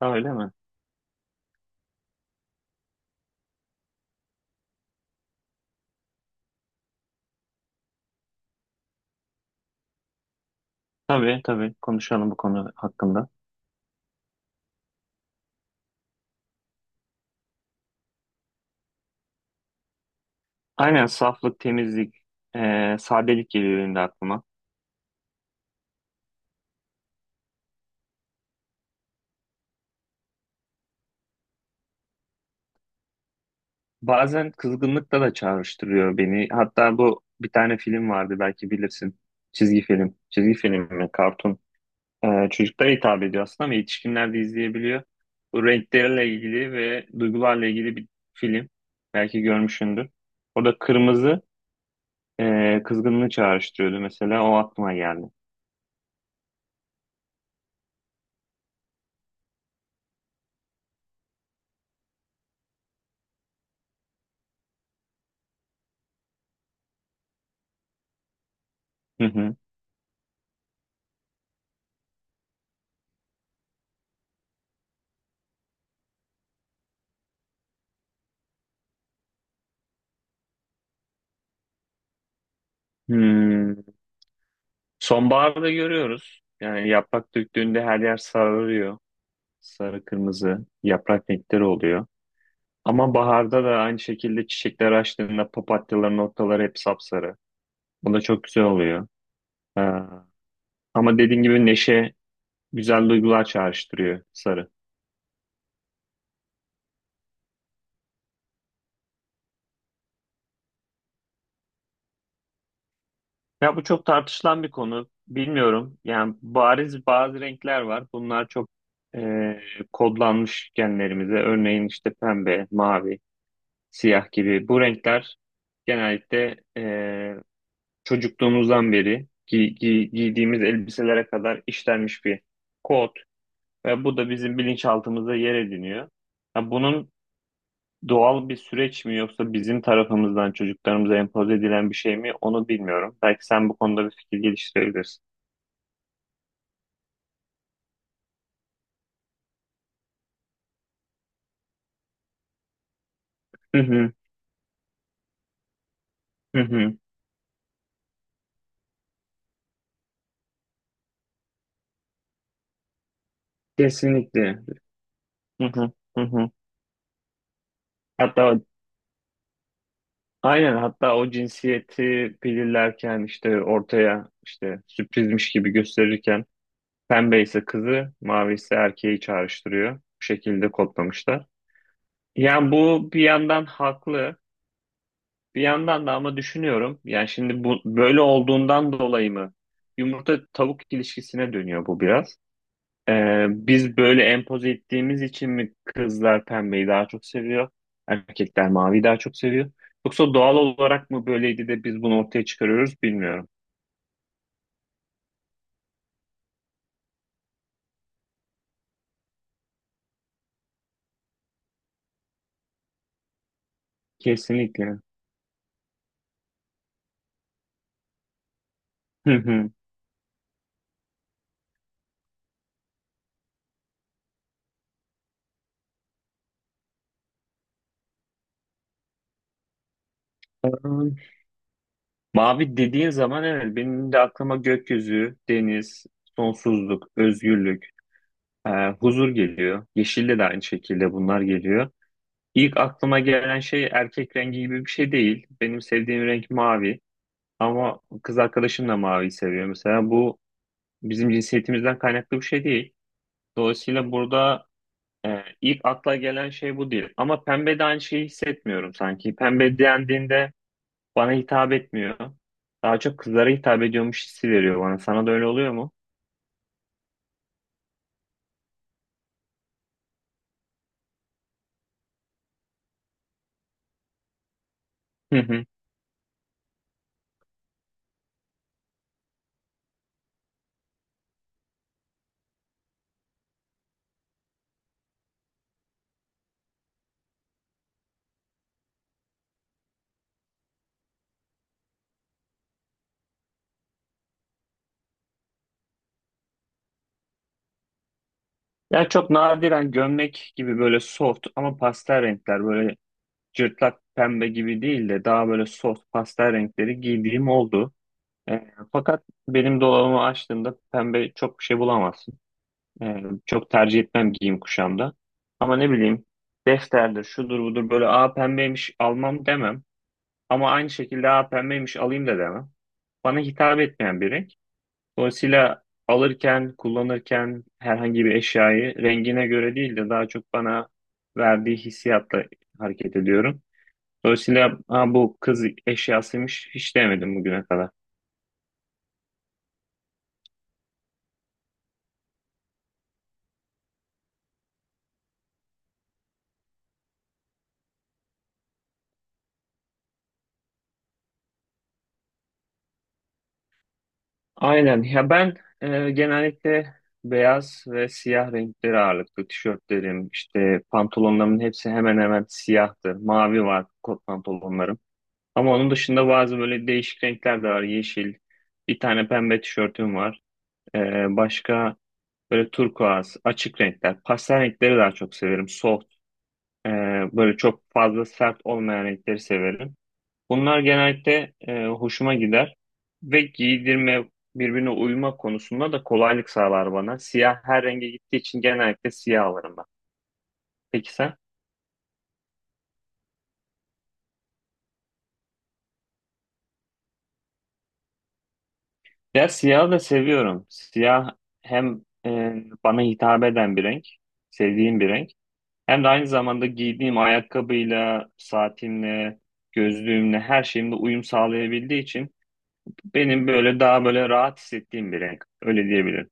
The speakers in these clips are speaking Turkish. Ha, öyle mi? Tabii tabii konuşalım bu konu hakkında. Aynen saflık, temizlik, sadelik geliyor benim de aklıma. Bazen kızgınlıkla da çağrıştırıyor beni. Hatta bu bir tane film vardı belki bilirsin. Çizgi film. Çizgi film mi? Kartun. Çocuklara hitap ediyor aslında ama yetişkinler de izleyebiliyor. Bu renklerle ilgili ve duygularla ilgili bir film. Belki görmüşsündür. Orada kırmızı kızgınlığı çağrıştırıyordu mesela. O aklıma geldi. Hı hı. Hmm. Sonbaharda görüyoruz. Yani yaprak döktüğünde her yer sararıyor. Sarı kırmızı yaprak renkleri oluyor. Ama baharda da aynı şekilde çiçekler açtığında papatyaların ortaları hep sapsarı. Bu da çok güzel oluyor. Ee, Ama dediğin gibi neşe güzel duygular çağrıştırıyor sarı. Ya bu çok tartışılan bir konu. Bilmiyorum. Yani bariz bazı renkler var. Bunlar çok e, kodlanmış genlerimize. Örneğin işte pembe, mavi, siyah gibi. Bu renkler genellikle çocukluğumuzdan beri giydiğimiz elbiselere kadar işlenmiş bir kod ve bu da bizim bilinçaltımızda yer ediniyor. Ya bunun doğal bir süreç mi yoksa bizim tarafımızdan çocuklarımıza empoze edilen bir şey mi onu bilmiyorum. Belki sen bu konuda bir fikir geliştirebilirsin. Hı hı, hı hı. Kesinlikle. Hı hı, hı hı. Hatta aynen, hatta o cinsiyeti belirlerken işte ortaya işte sürprizmiş gibi gösterirken pembe ise kızı, mavi ise erkeği çağrıştırıyor. Bu şekilde kodlamışlar. Yani bu bir yandan haklı, bir yandan da ama düşünüyorum. Yani şimdi bu böyle olduğundan dolayı mı yumurta tavuk ilişkisine dönüyor bu biraz. Biz böyle empoze ettiğimiz için mi kızlar pembeyi daha çok seviyor, erkekler maviyi daha çok seviyor? Yoksa doğal olarak mı böyleydi de biz bunu ortaya çıkarıyoruz bilmiyorum. Kesinlikle. Hı hı. Mavi dediğin zaman evet benim de aklıma gökyüzü, deniz, sonsuzluk, özgürlük, e, huzur geliyor. Yeşilde de aynı şekilde bunlar geliyor. İlk aklıma gelen şey erkek rengi gibi bir şey değil. Benim sevdiğim renk mavi ama kız arkadaşım da maviyi seviyor mesela. Bu bizim cinsiyetimizden kaynaklı bir şey değil. Dolayısıyla burada ilk akla gelen şey bu değil. Ama pembe de aynı şeyi hissetmiyorum sanki. Pembe dendiğinde bana hitap etmiyor. Daha çok kızlara hitap ediyormuş hissi veriyor bana. Sana da öyle oluyor mu? Hı hı. Ya çok nadiren gömlek gibi böyle soft ama pastel renkler, böyle cırtlak pembe gibi değil de daha böyle soft pastel renkleri giydiğim oldu. Fakat benim dolabımı açtığımda pembe çok bir şey bulamazsın. Ee, Çok tercih etmem giyim kuşamda. Ama ne bileyim, defterdir, şudur budur, böyle a pembeymiş almam demem. Ama aynı şekilde a pembeymiş alayım da demem. Bana hitap etmeyen bir renk. Dolayısıyla alırken, kullanırken herhangi bir eşyayı rengine göre değil de daha çok bana verdiği hissiyatla hareket ediyorum. Dolayısıyla ha, bu kız eşyasıymış hiç demedim bugüne kadar. Aynen. Ya ben genellikle beyaz ve siyah renkleri ağırlıklı tişörtlerim, işte pantolonlarımın hepsi hemen hemen siyahtır. Mavi var kot pantolonlarım. Ama onun dışında bazı böyle değişik renkler de var. Yeşil, bir tane pembe tişörtüm var. E, Başka böyle turkuaz, açık renkler. Pastel renkleri daha çok severim. Soft, e, böyle çok fazla sert olmayan renkleri severim. Bunlar genellikle hoşuma gider ve giydirme, birbirine uyma konusunda da kolaylık sağlar bana. Siyah her renge gittiği için genellikle siyah alırım ben. Peki sen? Ya siyahı da seviyorum. Siyah hem bana hitap eden bir renk, sevdiğim bir renk. Hem de aynı zamanda giydiğim ayakkabıyla, saatimle, gözlüğümle, her şeyimle uyum sağlayabildiği için benim böyle daha böyle rahat hissettiğim bir renk. Öyle diyebilirim.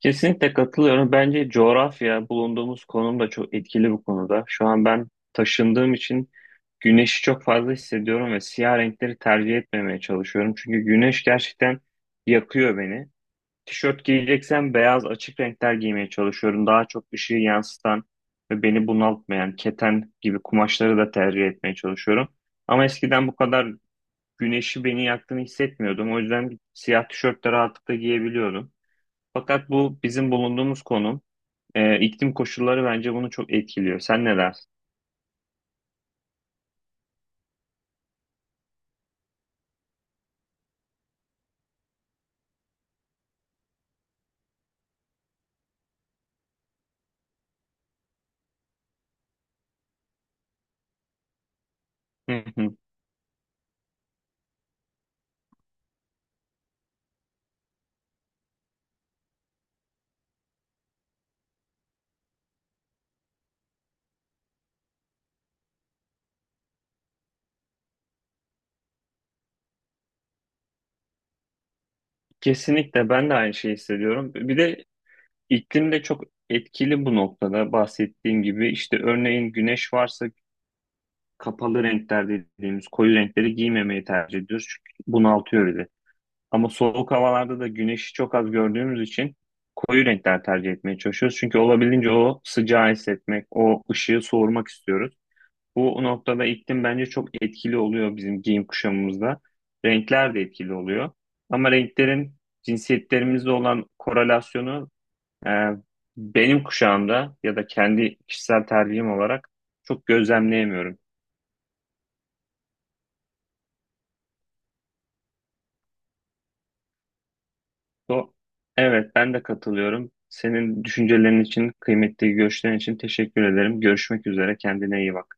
Kesinlikle katılıyorum. Bence coğrafya, bulunduğumuz konum da çok etkili bu konuda. Şu an ben taşındığım için güneşi çok fazla hissediyorum ve siyah renkleri tercih etmemeye çalışıyorum. Çünkü güneş gerçekten yakıyor beni. Tişört giyeceksem beyaz açık renkler giymeye çalışıyorum. Daha çok ışığı yansıtan ve beni bunaltmayan keten gibi kumaşları da tercih etmeye çalışıyorum. Ama eskiden bu kadar güneşi beni yaktığını hissetmiyordum. O yüzden siyah tişört de rahatlıkla giyebiliyordum. Fakat bu bizim bulunduğumuz konum, iklim koşulları bence bunu çok etkiliyor. Sen ne dersin? Hı hı. Kesinlikle ben de aynı şeyi hissediyorum. Bir de iklim de çok etkili bu noktada bahsettiğim gibi. İşte örneğin güneş varsa kapalı renkler dediğimiz koyu renkleri giymemeyi tercih ediyoruz. Çünkü bunaltıyor bizi. Ama soğuk havalarda da güneşi çok az gördüğümüz için koyu renkler tercih etmeye çalışıyoruz. Çünkü olabildiğince o sıcağı hissetmek, o ışığı soğurmak istiyoruz. Bu noktada iklim bence çok etkili oluyor bizim giyim kuşamımızda. Renkler de etkili oluyor. Ama renklerin cinsiyetlerimizle olan korelasyonu e, benim kuşağımda ya da kendi kişisel tercihim olarak çok gözlemleyemiyorum. Do evet ben de katılıyorum. Senin düşüncelerin için, kıymetli görüşlerin için teşekkür ederim. Görüşmek üzere. Kendine iyi bak.